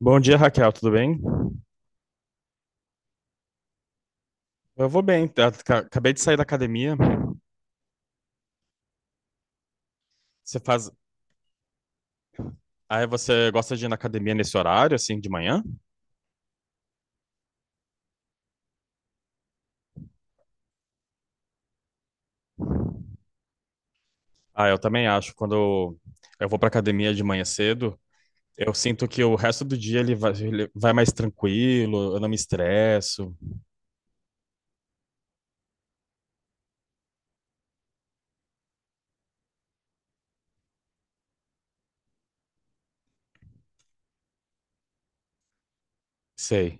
Bom dia, Raquel, tudo bem? Eu vou bem, tá? Acabei de sair da academia. Você faz. Aí você gosta de ir na academia nesse horário, assim, de manhã? Ah, eu também acho. Quando eu vou pra academia de manhã cedo, eu sinto que o resto do dia ele vai mais tranquilo, eu não me estresso. Sei.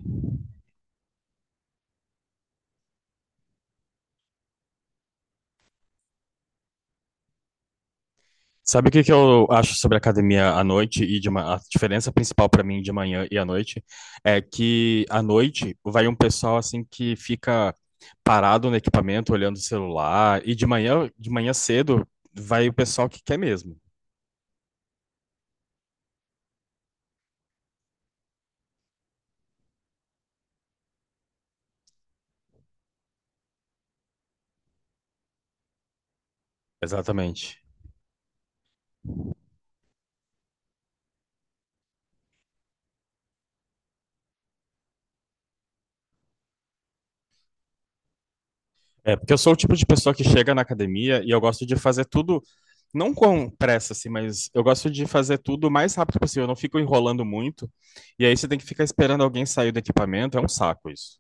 Sabe o que que eu acho sobre academia à noite e a diferença principal para mim de manhã e à noite é que à noite vai um pessoal assim que fica parado no equipamento olhando o celular e de manhã cedo vai o pessoal que quer mesmo. Exatamente. É porque eu sou o tipo de pessoa que chega na academia e eu gosto de fazer tudo não com pressa assim, mas eu gosto de fazer tudo o mais rápido possível, eu não fico enrolando muito. E aí você tem que ficar esperando alguém sair do equipamento, é um saco isso.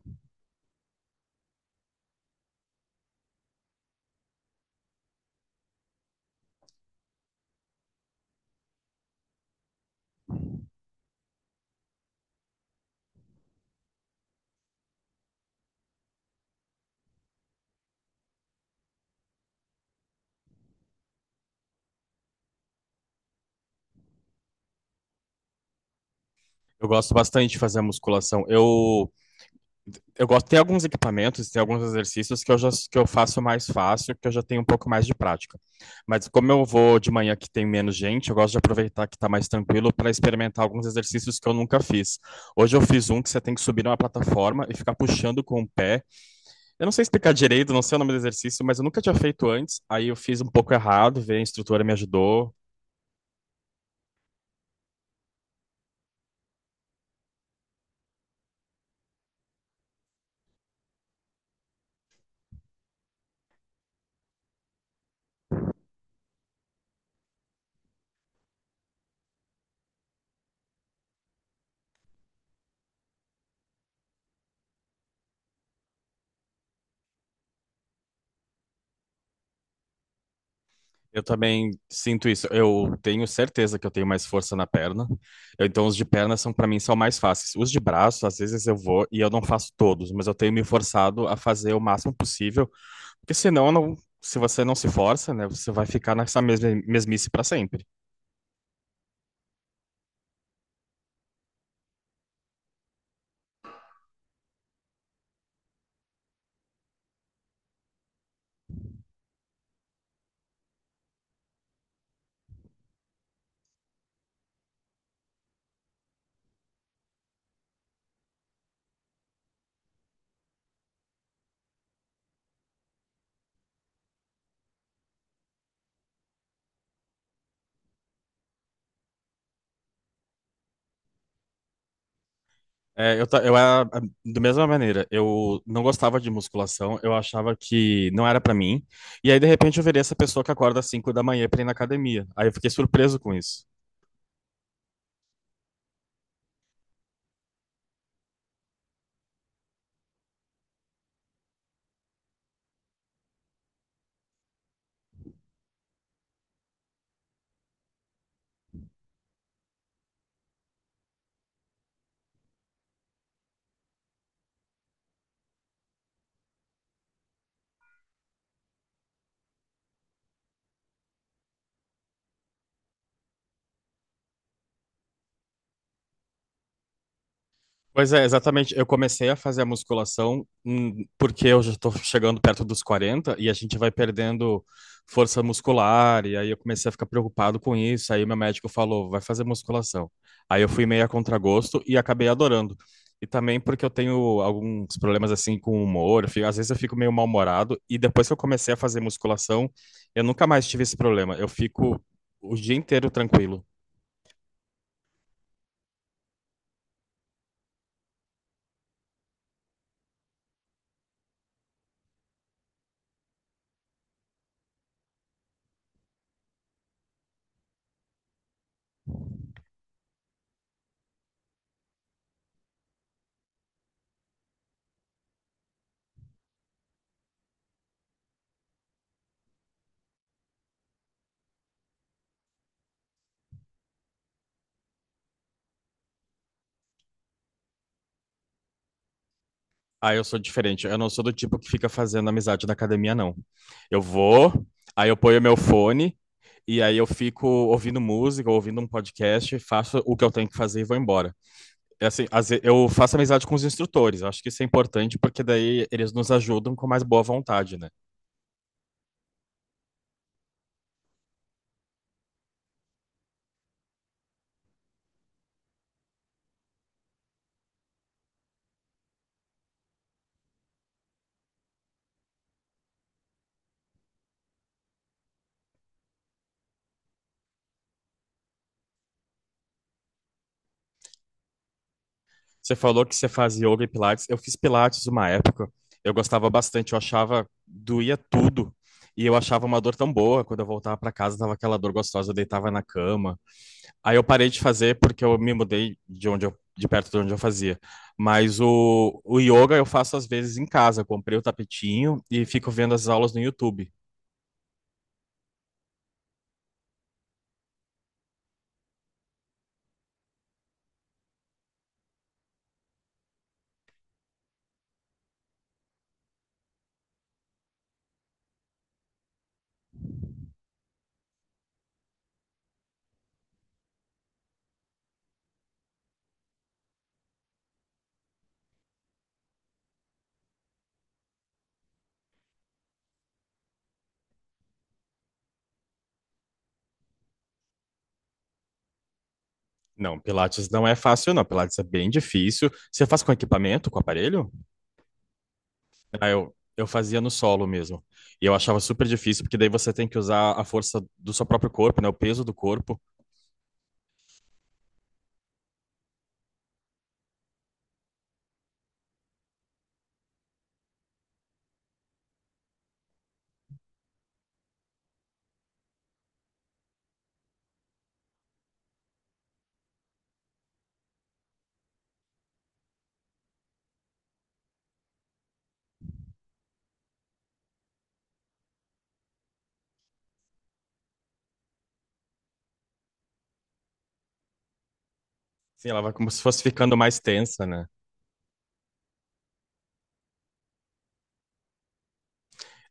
Eu gosto bastante de fazer musculação. Eu gosto, tem alguns equipamentos, tem alguns exercícios que eu faço mais fácil, que eu já tenho um pouco mais de prática. Mas como eu vou de manhã que tem menos gente, eu gosto de aproveitar que está mais tranquilo para experimentar alguns exercícios que eu nunca fiz. Hoje eu fiz um que você tem que subir numa plataforma e ficar puxando com o pé. Eu não sei explicar direito, não sei o nome do exercício, mas eu nunca tinha feito antes. Aí eu fiz um pouco errado, veio a instrutora me ajudou. Eu também sinto isso. Eu tenho certeza que eu tenho mais força na perna. Então, os de perna são, para mim, são mais fáceis. Os de braço, às vezes eu vou e eu não faço todos, mas eu tenho me forçado a fazer o máximo possível, porque senão, eu não, se você não se força, né, você vai ficar nessa mesma mesmice para sempre. É, eu era da mesma maneira. Eu não gostava de musculação. Eu achava que não era para mim. E aí, de repente, eu virei essa pessoa que acorda às 5 da manhã para ir na academia. Aí eu fiquei surpreso com isso. Pois é, exatamente. Eu comecei a fazer a musculação porque eu já estou chegando perto dos 40 e a gente vai perdendo força muscular. E aí eu comecei a ficar preocupado com isso. Aí o meu médico falou: vai fazer musculação. Aí eu fui meio a contragosto e acabei adorando. E também porque eu tenho alguns problemas assim com o humor. Às vezes eu fico meio mal-humorado. E depois que eu comecei a fazer musculação, eu nunca mais tive esse problema. Eu fico o dia inteiro tranquilo. Ah, eu sou diferente. Eu não sou do tipo que fica fazendo amizade na academia, não. Eu vou, aí eu ponho meu fone, e aí eu fico ouvindo música, ouvindo um podcast, faço o que eu tenho que fazer e vou embora. É assim, eu faço amizade com os instrutores. Eu acho que isso é importante, porque daí eles nos ajudam com mais boa vontade, né? Você falou que você faz yoga e pilates. Eu fiz pilates uma época. Eu gostava bastante. Eu achava, doía tudo. E eu achava uma dor tão boa. Quando eu voltava para casa, tava aquela dor gostosa. Eu deitava na cama. Aí eu parei de fazer porque eu me mudei de perto de onde eu fazia. Mas o yoga eu faço às vezes em casa. Comprei o tapetinho e fico vendo as aulas no YouTube. Não, Pilates não é fácil, não. Pilates é bem difícil. Você faz com equipamento, com aparelho? Ah, eu fazia no solo mesmo. E eu achava super difícil, porque daí você tem que usar a força do seu próprio corpo, né? O peso do corpo. Sim, ela vai como se fosse ficando mais tensa, né?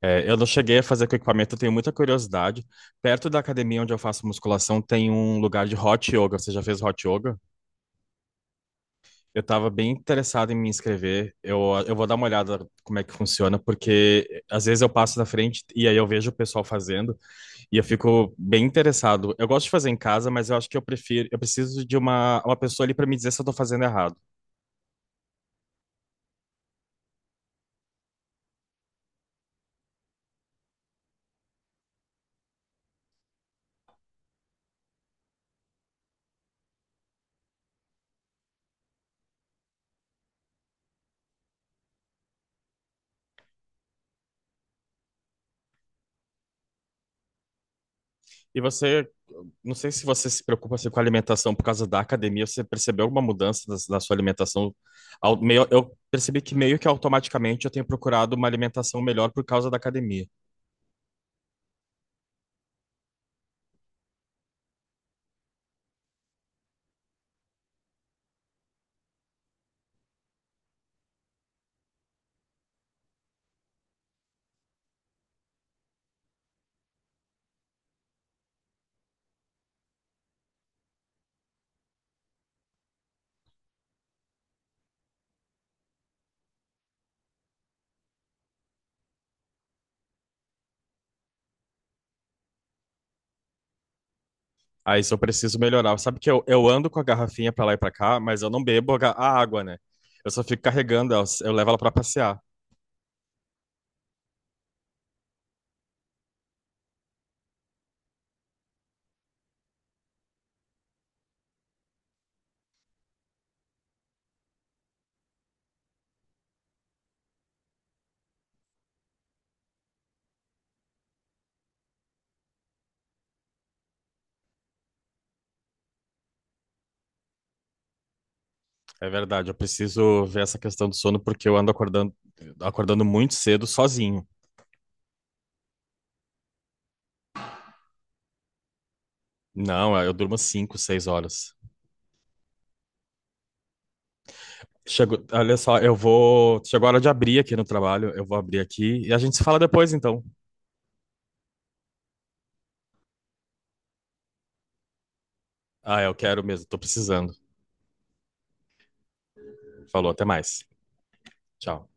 É, eu não cheguei a fazer com equipamento, eu tenho muita curiosidade. Perto da academia onde eu faço musculação tem um lugar de hot yoga. Você já fez hot yoga? Eu estava bem interessado em me inscrever. Eu vou dar uma olhada como é que funciona, porque às vezes eu passo na frente e aí eu vejo o pessoal fazendo e eu fico bem interessado. Eu gosto de fazer em casa, mas eu acho que eu preciso de uma pessoa ali para me dizer se eu estou fazendo errado. E você Não sei se você se preocupa assim, com a alimentação por causa da academia. Você percebeu alguma mudança na sua alimentação? Eu percebi que meio que automaticamente eu tenho procurado uma alimentação melhor por causa da academia. Aí isso eu preciso melhorar. Sabe que eu ando com a garrafinha pra lá e pra cá, mas eu não bebo a água, né? Eu só fico carregando, ela, eu levo ela pra passear. É verdade, eu preciso ver essa questão do sono porque eu ando acordando muito cedo sozinho. Não, eu durmo 5, 6 horas. Chegou, olha só, eu vou. Chegou a hora de abrir aqui no trabalho. Eu vou abrir aqui e a gente se fala depois, então. Ah, eu quero mesmo, tô precisando. Falou, até mais. Tchau.